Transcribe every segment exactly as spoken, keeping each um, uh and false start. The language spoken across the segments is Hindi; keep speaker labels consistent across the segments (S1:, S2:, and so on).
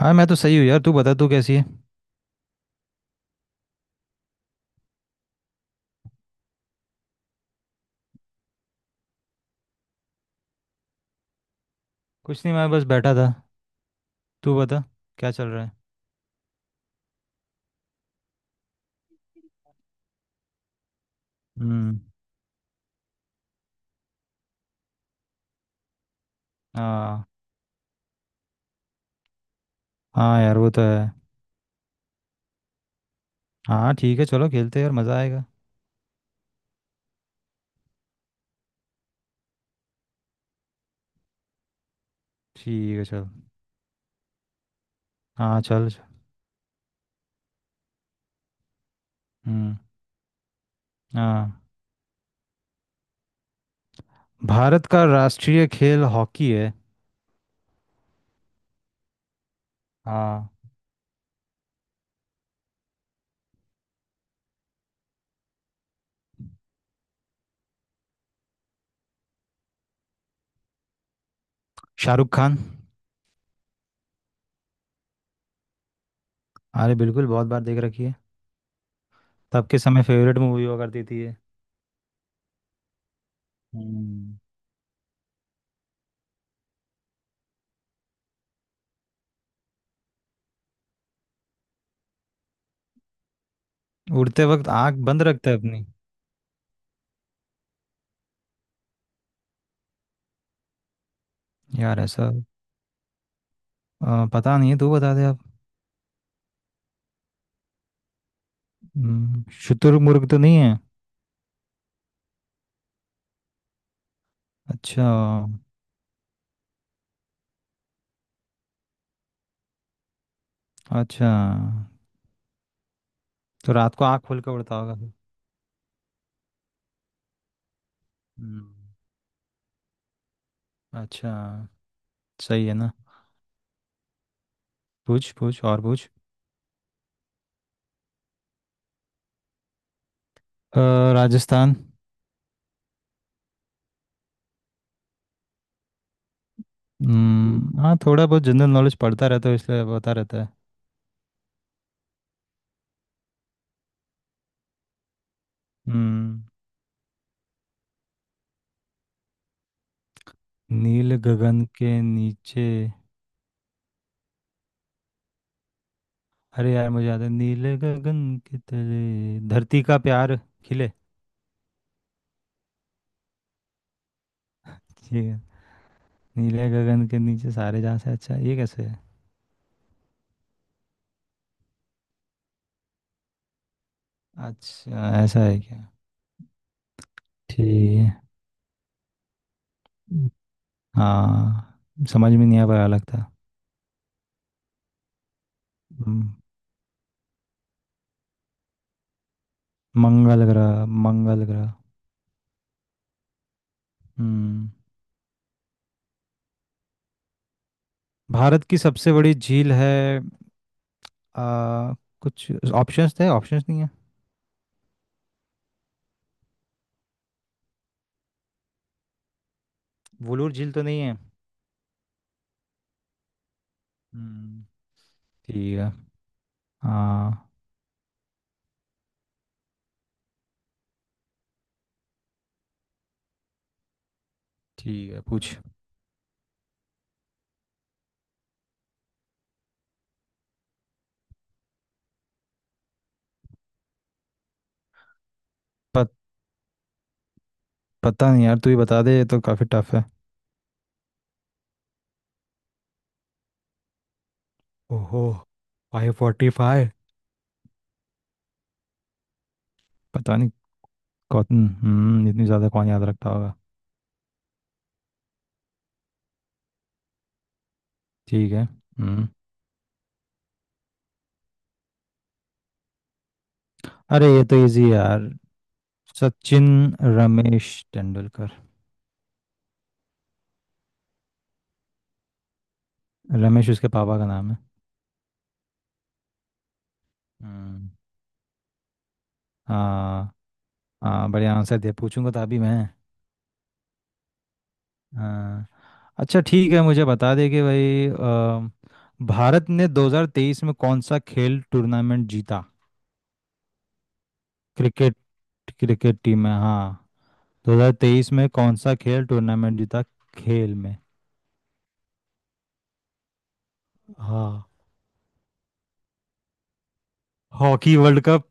S1: हाँ मैं तो सही हूँ यार। तू बता, तू कैसी है? कुछ नहीं, मैं बस बैठा था। तू बता, क्या चल रहा है? हम्म। हाँ। हाँ यार, वो तो है। हाँ ठीक है, चलो खेलते हैं यार, मज़ा आएगा। ठीक है चल। हाँ चल चल। हम्म। हाँ। भारत का राष्ट्रीय खेल हॉकी है। हाँ। शाहरुख खान। अरे बिल्कुल, बहुत बार देख रखी है। तब के समय फेवरेट मूवी हुआ करती थी ये। हम्म। उड़ते वक्त आंख बंद रखता है अपनी? यार ऐसा, आ, पता नहीं है, तू बता दे आप। हम्म, शुतुरमुर्ग तो नहीं है? अच्छा अच्छा। तो रात को आँख खोल के उड़ता होगा फिर। हम्म। अच्छा। सही है ना। पूछ पूछ और पूछ। अ, राजस्थान। हम्म, हम्म हाँ, थोड़ा बहुत जनरल नॉलेज पढ़ता रहता है इसलिए पता रहता है। हम्म नील गगन के नीचे। अरे यार मुझे याद है, नीले गगन के तले धरती का प्यार खिले। ठीक है। नीले गगन के नीचे सारे जहाँ से अच्छा, ये कैसे है? अच्छा, ऐसा है क्या? ठीक। है हाँ। समझ में नहीं आ पाया लगता। हम्म। मंगल ग्रह, मंगल ग्रह। हम्म। भारत की सबसे बड़ी झील है आ, कुछ ऑप्शंस थे, ऑप्शंस नहीं है? वुलूर झील तो नहीं है? हम्म। ठीक है। हाँ ठीक है, पूछ। पत, पता नहीं यार, तू ही बता दे, ये तो काफ़ी टफ है। ओहो। Five forty five. पता नहीं। कौन हम्म इतनी ज़्यादा कौन याद रखता होगा? ठीक है। हम्म। अरे ये तो इजी है यार। सचिन रमेश तेंदुलकर। रमेश उसके पापा का नाम है। हम्म। हाँ, हाँ बढ़िया आंसर दे, पूछूंगा तो अभी मैं। हाँ। अच्छा ठीक है, मुझे बता दे कि भाई अ, भारत ने दो हज़ार तेईस में कौन सा खेल टूर्नामेंट जीता? क्रिकेट, क्रिकेट टीम में, हाँ। दो हज़ार तेईस में कौन सा खेल टूर्नामेंट जीता, खेल में? हाँ। Hockey world cup,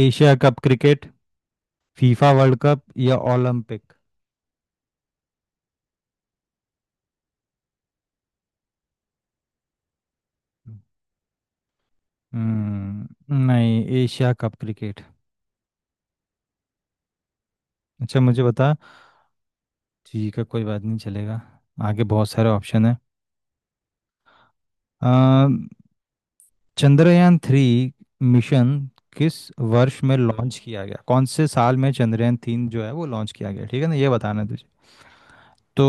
S1: Asia cup cricket, FIFA world cup या ओलंपिक। हम्म, नहीं एशिया कप क्रिकेट। अच्छा मुझे बता। ठीक है कोई बात नहीं, चलेगा। आगे बहुत सारे ऑप्शन है। चंद्रयान थ्री मिशन किस वर्ष में लॉन्च किया गया, कौन से साल में चंद्रयान तीन जो है वो लॉन्च किया गया, ठीक है ना, ये बताना है तुझे। तो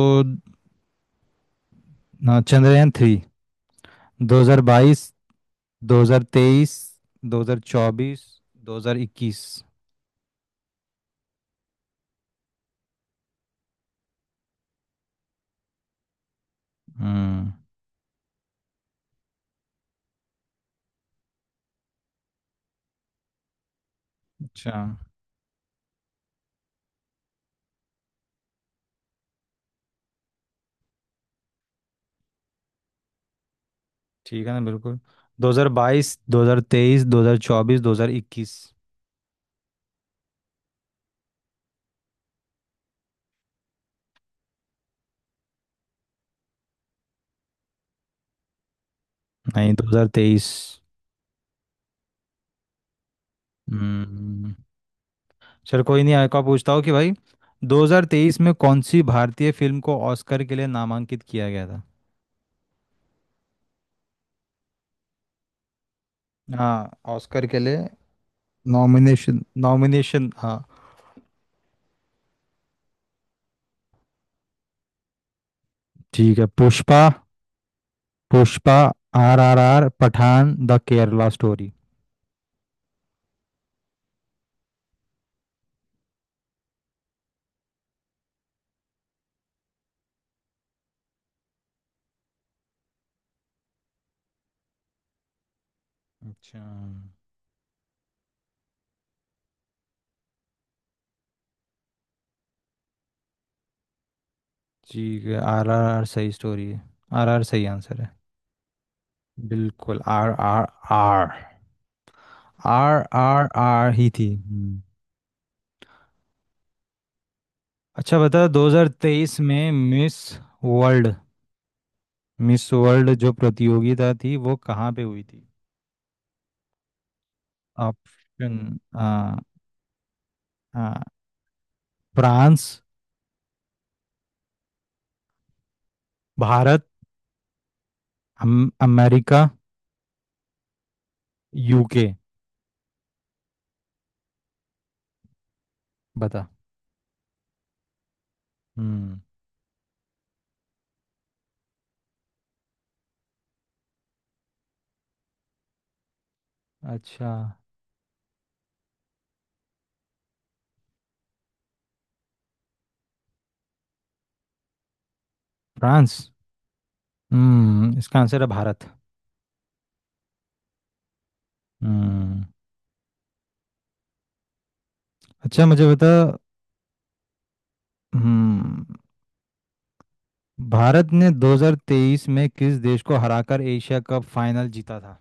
S1: ना, चंद्रयान थ्री। दो हज़ार बाईस, दो हज़ार तेईस, दो हज़ार चौबीस, दो हज़ार इक्कीस। हम्म। अच्छा। ठीक है ना, बिल्कुल। दो हज़ार बाईस, दो हज़ार तेईस, दो हज़ार चौबीस, दो हज़ार इक्कीस। नहीं, दो हज़ार तेईस। हम्म। चल कोई नहीं, आपका पूछता हूँ कि भाई दो हज़ार तेईस में कौन सी भारतीय फिल्म को ऑस्कर के लिए नामांकित किया गया था? हाँ, ऑस्कर के लिए। नॉमिनेशन, नॉमिनेशन, हाँ। ठीक है, Pushpa. Pushpa, R R R, Pathaan, the Kerala story. अच्छा। ठीक है, आर आर आर सही स्टोरी है। आर आर सही आंसर है। बिल्कुल R R. R. R R R ही थी। हम्म। अच्छा बता, दो हज़ार तेईस में मिस वर्ल्ड, मिस वर्ल्ड जो प्रतियोगिता थी वो कहाँ पे हुई थी? ऑप्शन। फ्रांस। भारत। अम, अमेरिका। यूके। बता। हम्म। अच्छा। फ्रांस। हम्म, इसका आंसर है भारत। हम्म। अच्छा मुझे बता। हम्म, भारत ने दो हज़ार तेईस में किस देश को हराकर एशिया कप फाइनल जीता था?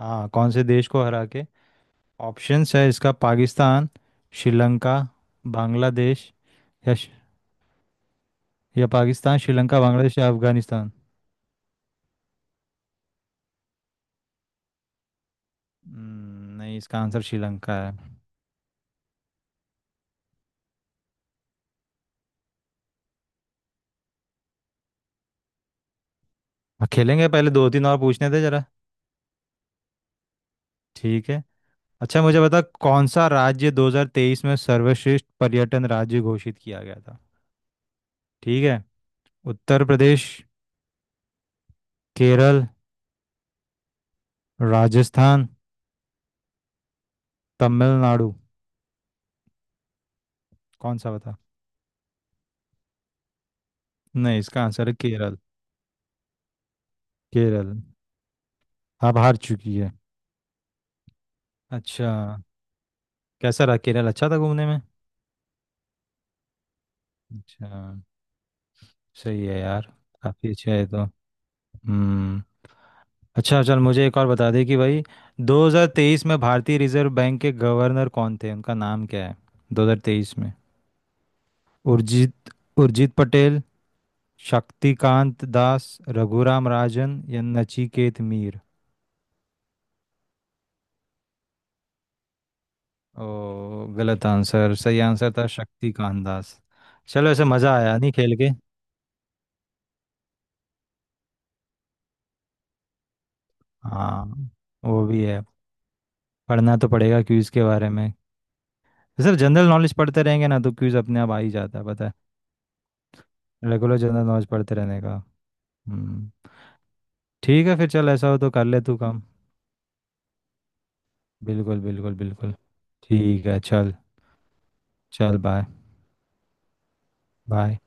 S1: हाँ, कौन से देश को हरा के? ऑप्शंस है इसका, पाकिस्तान, श्रीलंका, बांग्लादेश या या पाकिस्तान, श्रीलंका, बांग्लादेश या अफगानिस्तान। हम्म, नहीं इसका आंसर श्रीलंका है। हाँ, खेलेंगे, पहले दो तीन और पूछने थे जरा। ठीक है। अच्छा मुझे बता, कौन सा राज्य दो हज़ार तेईस में सर्वश्रेष्ठ पर्यटन राज्य घोषित किया गया था? ठीक है। उत्तर प्रदेश, केरल, राजस्थान, तमिलनाडु। कौन सा बता। नहीं, इसका आंसर है केरल। केरल। अब हार चुकी है। अच्छा। कैसा रहा केरल, अच्छा था घूमने में? अच्छा सही है यार। काफी अच्छा है ये तो। हम्म। अच्छा चल, मुझे एक और बता दे कि भाई, दो हज़ार तेईस में भारतीय रिजर्व बैंक के गवर्नर कौन थे, उनका नाम क्या है, दो हज़ार तेईस में? उर्जित, उर्जित पटेल, शक्तिकांत दास, रघुराम राजन या नचिकेत मीर। ओ गलत आंसर, सही आंसर था शक्तिकांत दास। चलो ऐसे मज़ा आया नहीं खेल के। हाँ, वो भी है। पढ़ना तो पड़ेगा क्विज के बारे में। सर जनरल नॉलेज पढ़ते रहेंगे ना, तो क्विज अपने आप आ ही जाता है पता। है, रेगुलर जनरल नॉलेज पढ़ते रहने का। हम्म। ठीक है फिर चल, ऐसा हो तो कर ले तू काम। बिल्कुल बिल्कुल बिल्कुल। ठीक है चल। चल बाय। बाय।